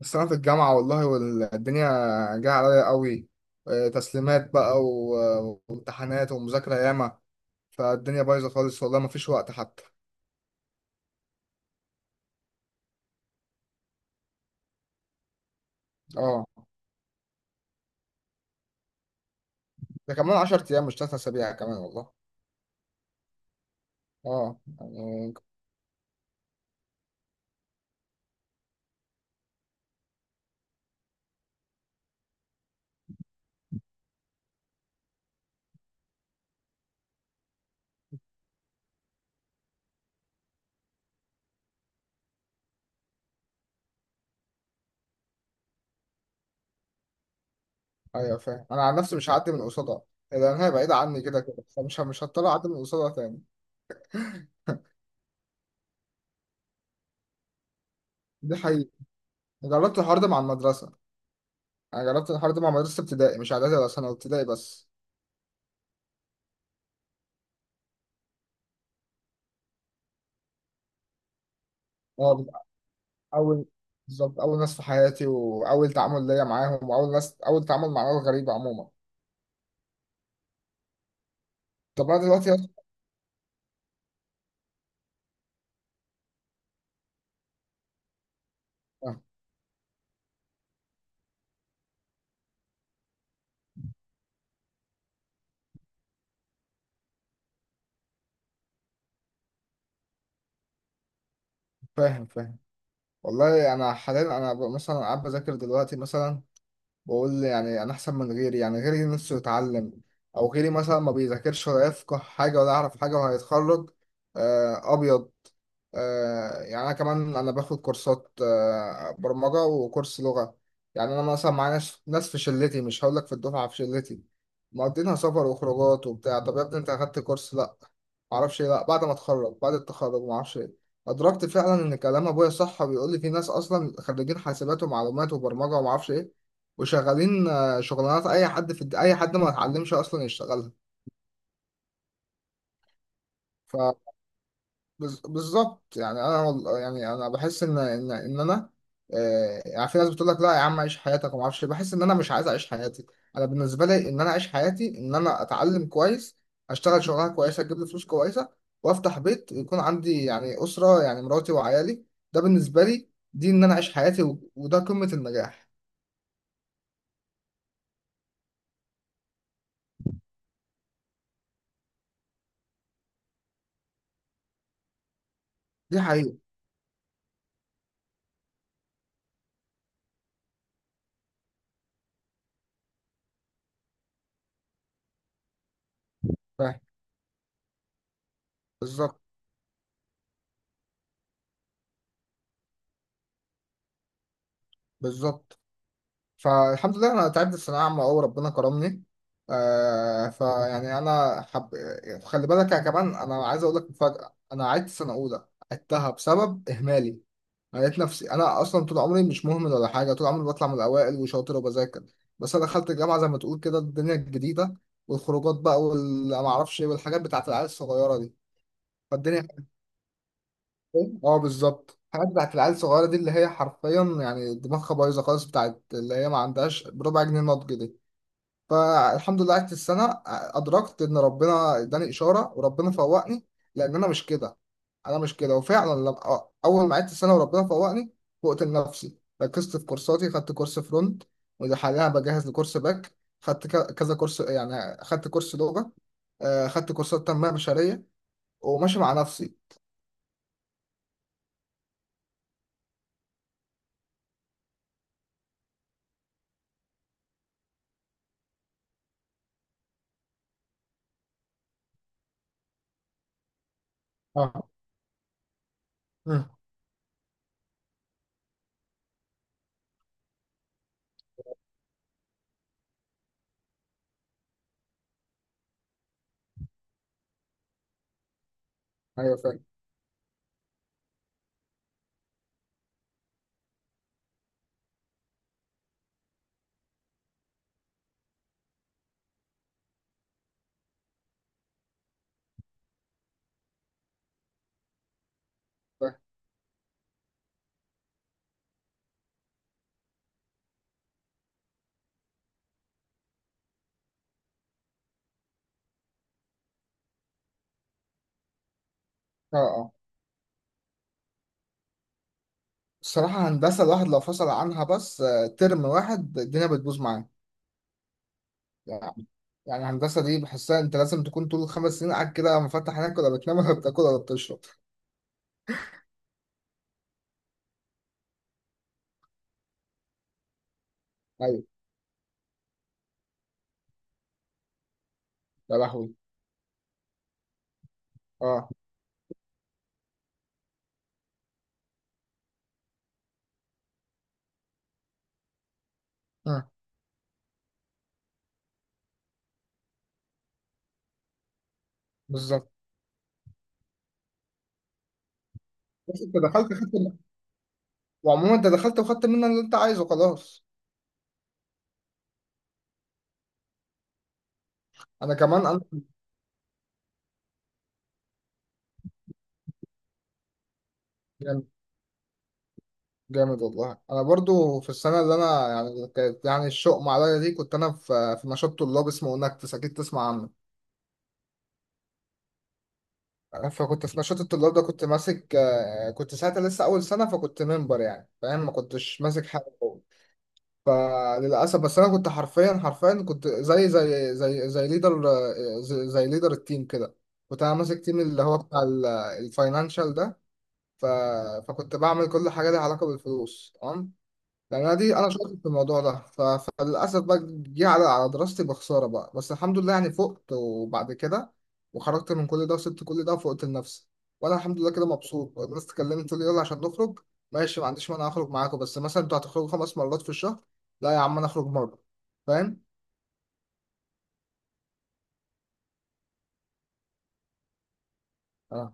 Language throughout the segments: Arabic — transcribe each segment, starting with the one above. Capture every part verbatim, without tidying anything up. بس أنا في الجامعة، والله، والدنيا جاية عليا قوي. آه، تسليمات بقى و- وامتحانات ومذاكرة ياما، فالدنيا بايظة خالص والله، مفيش وقت حتى. اه، ده كمان عشر أيام مش تلات أسابيع كمان والله. اه يعني. أيوة فاهم. أنا عن نفسي مش هعدي من قصادها، لأن هي بعيدة عني كده كده، فمش مش هضطر أعدي من قصادها تاني. دي حقيقة. جربت الحوار ده مع المدرسة. أنا جربت الحوار ده مع مدرسة ابتدائي، مش إعدادي ولا ثانوي، ابتدائي بس. اه، اول بالظبط، اول ناس في حياتي، واول تعامل ليا معاهم، واول ناس، اول تعامل مع ناس غريبه عموما. طب انا دلوقتي أص- آه، فاهم فاهم والله انا حاليا، انا ب- مثلا قاعد بذاكر دلوقتي مثلا، بقول يعني انا احسن من غيري، يعني غيري نفسه يتعلم، او غيري مثلا ما بيذاكرش ولا يفقه حاجه ولا يعرف حاجه وهيتخرج. آه، ابيض. آه، يعني انا كمان، انا باخد كورسات، آه، برمجه وكورس لغه. يعني انا مثلا معايا ناس، ناس في شلتي، مش هقول لك في الدفعه، في شلتي، مقضينها سفر وخروجات وبتاع. طب يا ابني انت اخدت كورس؟ لا، معرفش ايه، لا. بعد ما اتخرج، بعد التخرج معرفش ايه، ادركت فعلا ان كلام ابويا صح، وبيقول لي في ناس اصلا خريجين حاسبات ومعلومات وبرمجه ومعرفش ايه، وشغالين آه، شغلانات اي حد في الد- اي حد ما اتعلمش اصلا يشتغلها. بز- بالظبط. يعني انا وال- يعني انا بحس ان ان ان انا آه، يعني في ناس بتقول لك لا يا عم، عيش حياتك وما اعرفش إيه. بحس ان انا مش عايز اعيش حياتي. انا بالنسبه لي ان انا اعيش حياتي ان انا اتعلم كويس، اشتغل شغلانه كويسه تجيب لي فلوس كويسه، وافتح بيت، يكون عندي يعني اسره، يعني مراتي وعيالي. ده بالنسبه لي، دي ان انا اعيش حياتي، و- وده قمه النجاح. دي حقيقه. فاهم. بالظبط. بالظبط. فالحمد لله، انا تعبت في ثانويه عامه أوي، ربنا كرمني. آه، فيعني انا حب خلي بالك يا كمان، انا عايز اقول لك مفاجاه، انا عدت سنه اولى، عدتها بسبب اهمالي. أنا لقيت نفسي، انا اصلا طول عمري مش مهمل ولا حاجه، طول عمري بطلع من الاوائل وشاطر وبذاكر، بس انا دخلت الجامعه زي ما تقول كده الدنيا الجديده، والخروجات بقى وما اعرفش ايه، والحاجات بتاعت العيال الصغيره دي. فالدنيا كانت إيه؟ اه بالظبط، الحاجات بتاعت العيال الصغيره دي، اللي هي حرفيا يعني دماغها بايظه خالص، بتاعت اللي هي ما عندهاش بربع جنيه نضج دي. فالحمد لله قعدت السنة، أدركت إن ربنا إداني إشارة وربنا فوقني، لأن أنا مش كده. أنا مش كده، وفعلا لما أول ما قعدت السنة وربنا فوقني، فوقت لنفسي، ركزت في كورساتي، خدت كورس فرونت، وده حاليا بجهز لكورس باك. خدت ك- كذا كورس، يعني خدت كورس لغة، آه، خدت كورسات تنمية بشرية، وماشي مع نفسي. اه. مم. أيوه فعلا. فعلا. اه اه. الصراحة هندسة الواحد لو فصل عنها بس آه، ترم واحد، الدنيا بتبوظ معاه. يعني، يعني الهندسة دي بحسها انت لازم تكون طول الخمس سنين قاعد كده مفتح عينك، ولا بتنام ولا بتاكل ولا بتشرب. ايوه. يا لهوي. اه. اه بالظبط. بس انت دخلت خدت من- وعموما انت دخلت وخدت منها اللي انت عايزه خلاص. انا كمان انا. جامد. جامد، والله انا برضو في السنه اللي انا، يعني كانت يعني الشؤم عليا دي، كنت انا في في نشاط طلاب اسمه انكتس، اكيد تسمع عنه. فكنت في نشاط الطلاب ده، كنت ماسك، آه، كنت ساعتها لسه اول سنه، فكنت منبر يعني فاهم، ما كنتش ماسك حاجه. فللاسف، بس انا كنت حرفيا، حرفيا كنت زي زي زي زي ليدر، زي, زي ليدر التيم كده، كنت انا ماسك تيم اللي هو بتاع الفاينانشال ده. ف... فكنت بعمل كل حاجه ليها علاقه بالفلوس، تمام، يعني انا دي، انا شاطر في الموضوع ده. ف... فللاسف بقى، جه على على دراستي بخساره بقى، بس الحمد لله يعني فقت، وبعد كده وخرجت من كل ده وسبت كل ده وفقت لنفسي. وانا الحمد لله كده مبسوط. الناس تكلمت تقول لي يلا عشان نخرج، ماشي ما عنديش مانع اخرج معاكم، بس مثلا انتوا هتخرجوا خمس مرات في الشهر، لا يا عم انا اخرج مره. فاهم؟ اه.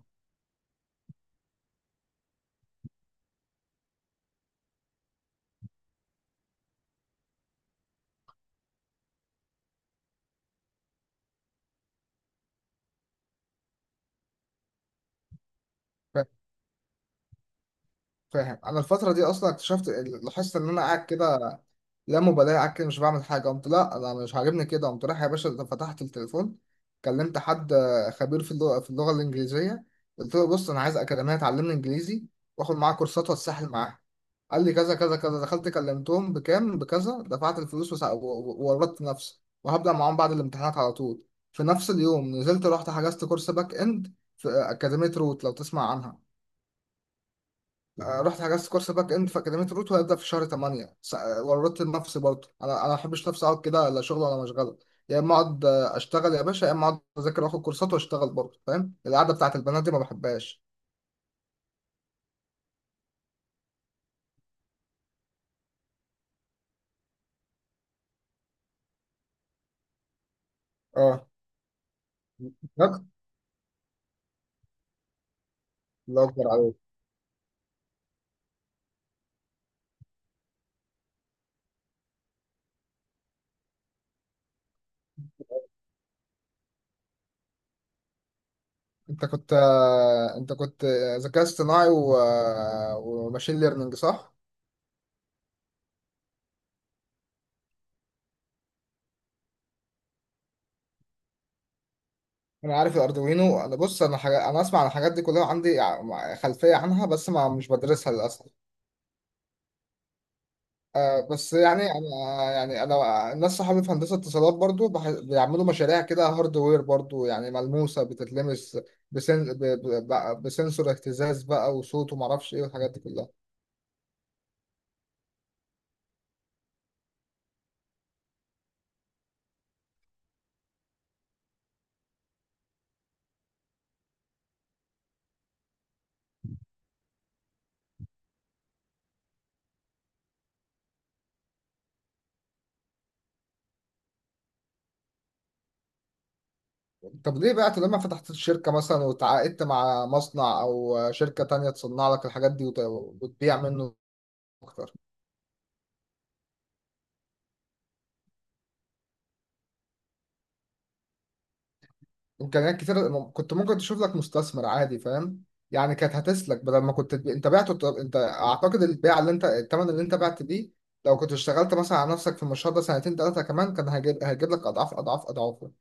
فاهم انا الفتره دي اصلا اكتشفت، لاحظت ان انا قاعد كده لا مبالاه، قاعد كده مش بعمل حاجه. قمت لا، انا مش عاجبني كده. قمت رايح يا باشا، فتحت التليفون، كلمت حد آه، خبير في اللغه، في اللغه الانجليزيه. قلت له بص انا عايز اكاديميه تعلمني انجليزي، واخد معاه كورسات واتسحل معاها. قال لي كذا كذا كذا، دخلت كلمتهم بكام، بكذا، دفعت الفلوس، وسع- و- و- وورطت نفسي، وهبدأ معاهم بعد الامتحانات على طول. في نفس اليوم نزلت رحت حجزت كورس باك اند في أكاديمية روت، لو تسمع عنها. آه، رحت حجزت كورس باك اند في اكاديميه روت، وهيبدا في شهر تمانية. س- آه، ورطت نفسي برضه، انا انا ما بحبش نفسي اقعد كده لا شغل ولا مشغله. يا اما اقعد آه، اشتغل يا باشا، يا اما اقعد اذاكر واخد كورسات واشتغل برضه. فاهم، القعده بتاعت البنات دي ما بحبهاش. اه. بجد؟ الله اكبر عليك. انت كنت آه، انت كنت آه، ذكاء اصطناعي و... آه، وماشين ليرنينج، صح؟ انا عارف الاردوينو. انا بص، انا حاجة... انا اسمع عن الحاجات دي كلها، عندي ع- خلفيه عنها، بس ما مش بدرسها للاسف. آه بس يعني انا، يعني انا الناس صحابي في هندسه اتصالات برضو بح- بيعملوا مشاريع كده، هاردوير برضو يعني، ملموسه بتتلمس، بسن ب- ب- ب- بسنسور اهتزاز بقى، وصوت وما اعرفش ايه والحاجات دي كلها. طب ليه بقى لما فتحت الشركه مثلا، وتعاقدت مع مصنع او شركه تانية تصنع لك الحاجات دي، وت- وتبيع منه اكتر؟ امكانيات كتير، م- كنت ممكن تشوف لك مستثمر عادي، فاهم؟ يعني كانت هتسلك بدل ما كنت تبيع، انت بعته. طب انت اعتقد البيع اللي انت، الثمن اللي انت بعت بيه، لو كنت اشتغلت مثلا على نفسك في المشروع ده سنتين ثلاثه كمان، كان هيجيب هيجيب لك اضعاف اضعاف اضعافه.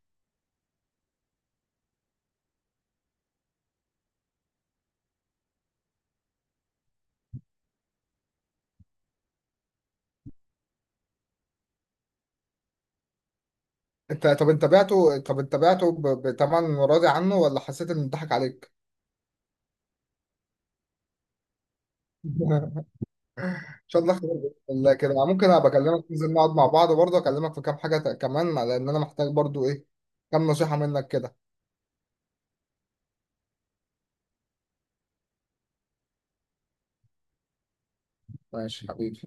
انت طب انت بعته، طب انت بعته ب- بثمن راضي عنه، ولا حسيت ان اتضحك عليك؟ ان شاء الله خير، بإذن الله كده ممكن ابقى اكلمك، ننزل نقعد مع بعض برضه، اكلمك في كام حاجه ت- كمان، لان انا محتاج برضه ايه، كام نصيحه منك كده. ماشي حبيبي.